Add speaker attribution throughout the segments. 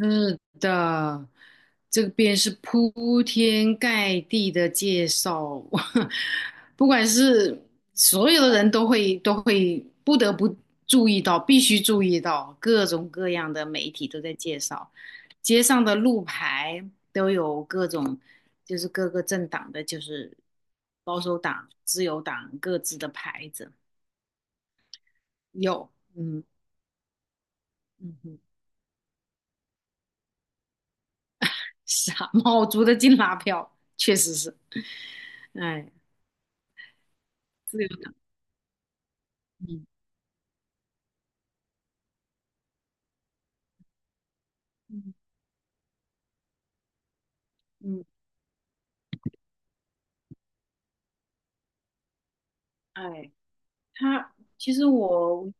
Speaker 1: 是的，这边是铺天盖地的介绍，不管是所有的人都会不得不注意到，必须注意到各种各样的媒体都在介绍，街上的路牌都有各种，就是各个政党的，就是保守党、自由党各自的牌子，有，嗯嗯哼，傻帽族 的金拉票，确实是，哎。自由的，嗯嗯嗯，哎，他其实我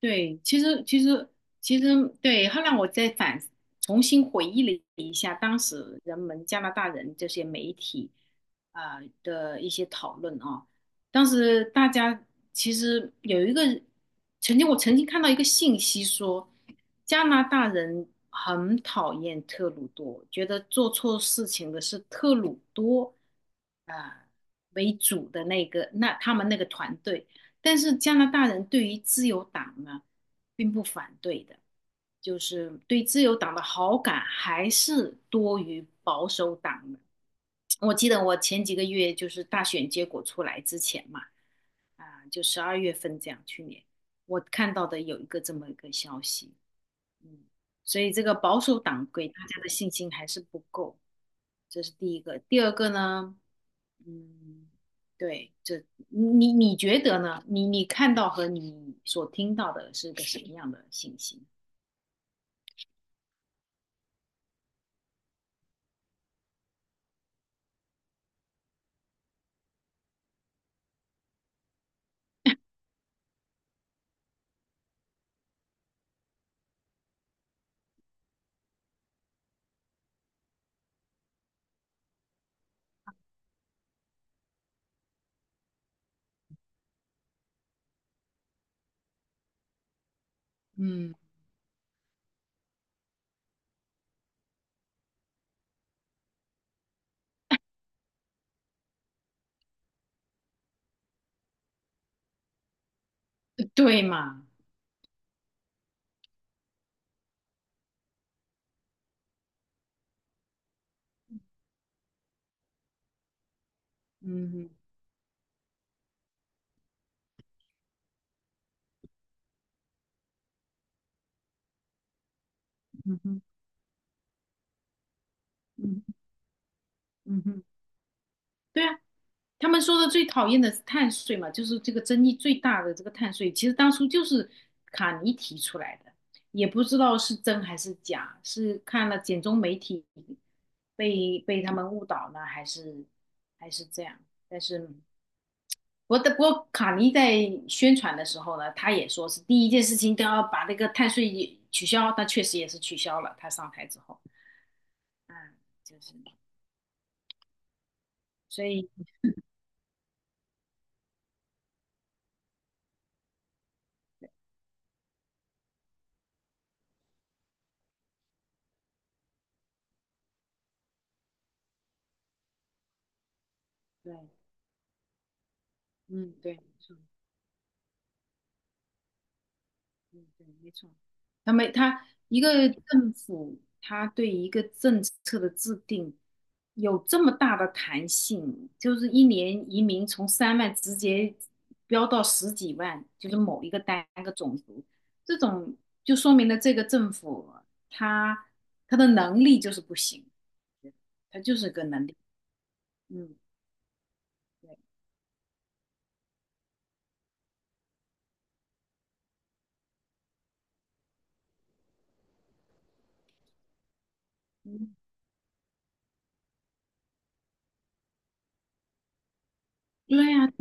Speaker 1: 对，其实对，后来我重新回忆了一下当时人们加拿大人这些媒体啊、的一些讨论啊，当时大家其实有一个曾经我曾经看到一个信息说，加拿大人很讨厌特鲁多，觉得做错事情的是特鲁多啊、为主的那个那他们那个团队。但是加拿大人对于自由党呢，并不反对的，就是对自由党的好感还是多于保守党的。我记得我前几个月就是大选结果出来之前嘛，啊，就12月份这样，去年我看到的有一个这么一个消息，嗯，所以这个保守党给大家的信心还是不够，这是第一个。第二个呢，嗯，对，这你觉得呢？你看到和你所听到的是个什么样的信息？嗯对嘛？嗯嗯哼嗯嗯哼对啊，他们说的最讨厌的是碳税嘛，就是这个争议最大的这个碳税，其实当初就是卡尼提出来的，也不知道是真还是假，是看了简中媒体被他们误导呢，还是这样？但是。我的不过卡尼在宣传的时候呢，他也说是第一件事情都要把那个碳税也取消，他确实也是取消了。他上台之后，嗯，就是，所以，对，嗯，对，是嗯，对，没错。他没他一个政府，他对一个政策的制定有这么大的弹性，就是一年移民从3万直接飙到十几万，就是某一个单个种族，这种就说明了这个政府他他的能力就是不行，他就是个能力，嗯，对，嗯，对呀，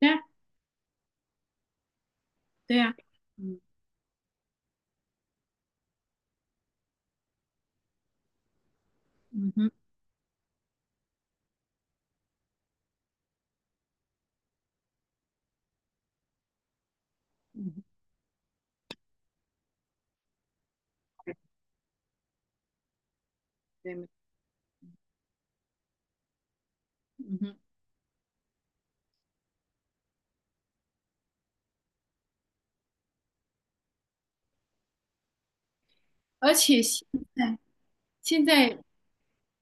Speaker 1: 对呀，对呀，嗯嗯哼，嗯哼，对，嗯哼。而且在现在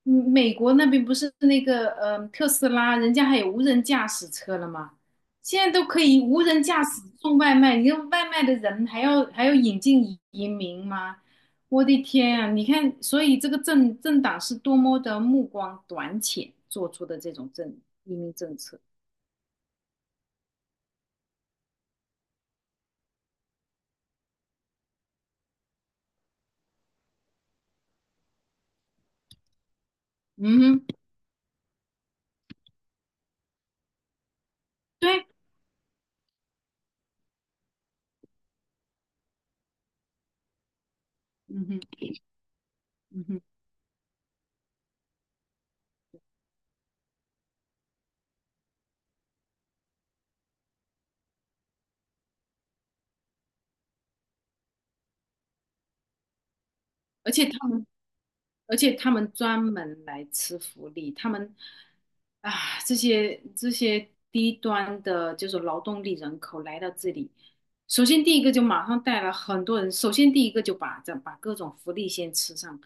Speaker 1: 美国那边不是那个特斯拉，人家还有无人驾驶车了吗？现在都可以无人驾驶送外卖，你看外卖的人还要引进移民吗？我的天啊！你看，所以这个政党是多么的目光短浅做出的这种移民政策。嗯哼，对，嗯哼，嗯哼，而且他们。而且他们专门来吃福利，他们啊，这些低端的，就是劳动力人口来到这里，首先第一个就马上带了很多人，首先第一个就把这把各种福利先吃上。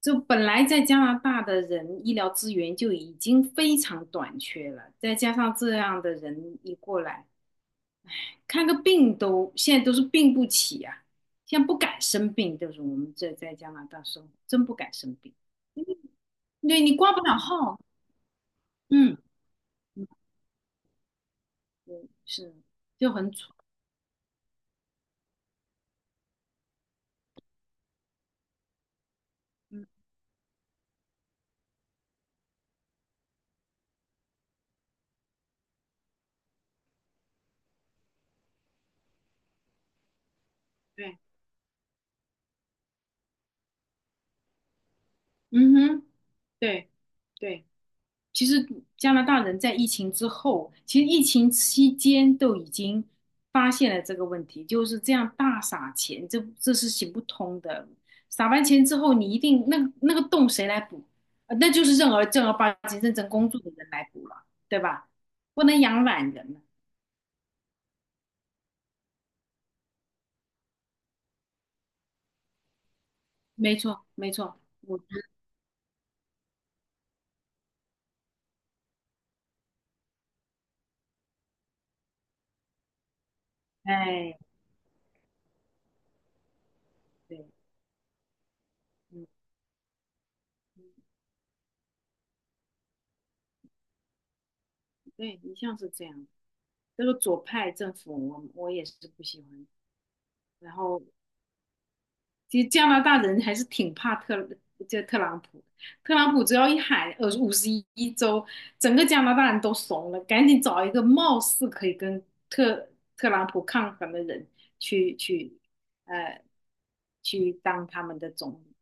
Speaker 1: 就本来在加拿大的人医疗资源就已经非常短缺了，再加上这样的人一过来，看个病都现在都是病不起啊，现在不敢生病，就是我们这在加拿大生活真不敢生病。对你挂不了号，嗯，嗯，对，是，就很蠢，嗯，对，嗯哼，对，对，其实加拿大人在疫情之后，其实疫情期间都已经发现了这个问题，就是这样大撒钱，这是行不通的。撒完钱之后，你一定那个那个洞谁来补？那就是正儿八经认真工作的人来补了，对吧？不能养懒人了。没错，没错，我哎，对。嗯。对，一向是这样。这个左派政府我，我也是不喜欢。然后，其实加拿大人还是挺怕这特朗普的特朗普只要一喊51州，整个加拿大人都怂了，赶紧找一个貌似可以跟特朗普抗衡的人去去呃去当他们的总理。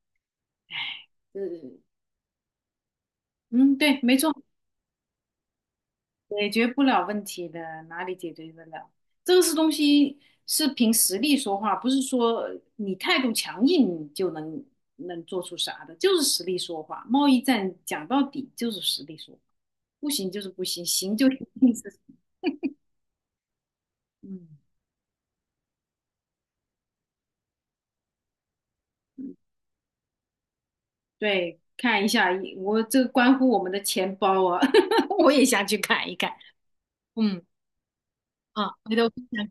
Speaker 1: 唉，呃，嗯，对，没错。解决不了问题的，哪里解决得了？这个是东西是凭实力说话，不是说你态度强硬就能做出啥的，就是实力说话。贸易战讲到底就是实力说话，不行就是不行，行就一定是嗯嗯，对。看一下，我这个关乎我们的钱包啊，我也想去看一看。嗯，啊，回头分享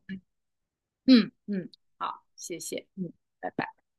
Speaker 1: 嗯嗯好，谢谢。嗯，拜拜。拜拜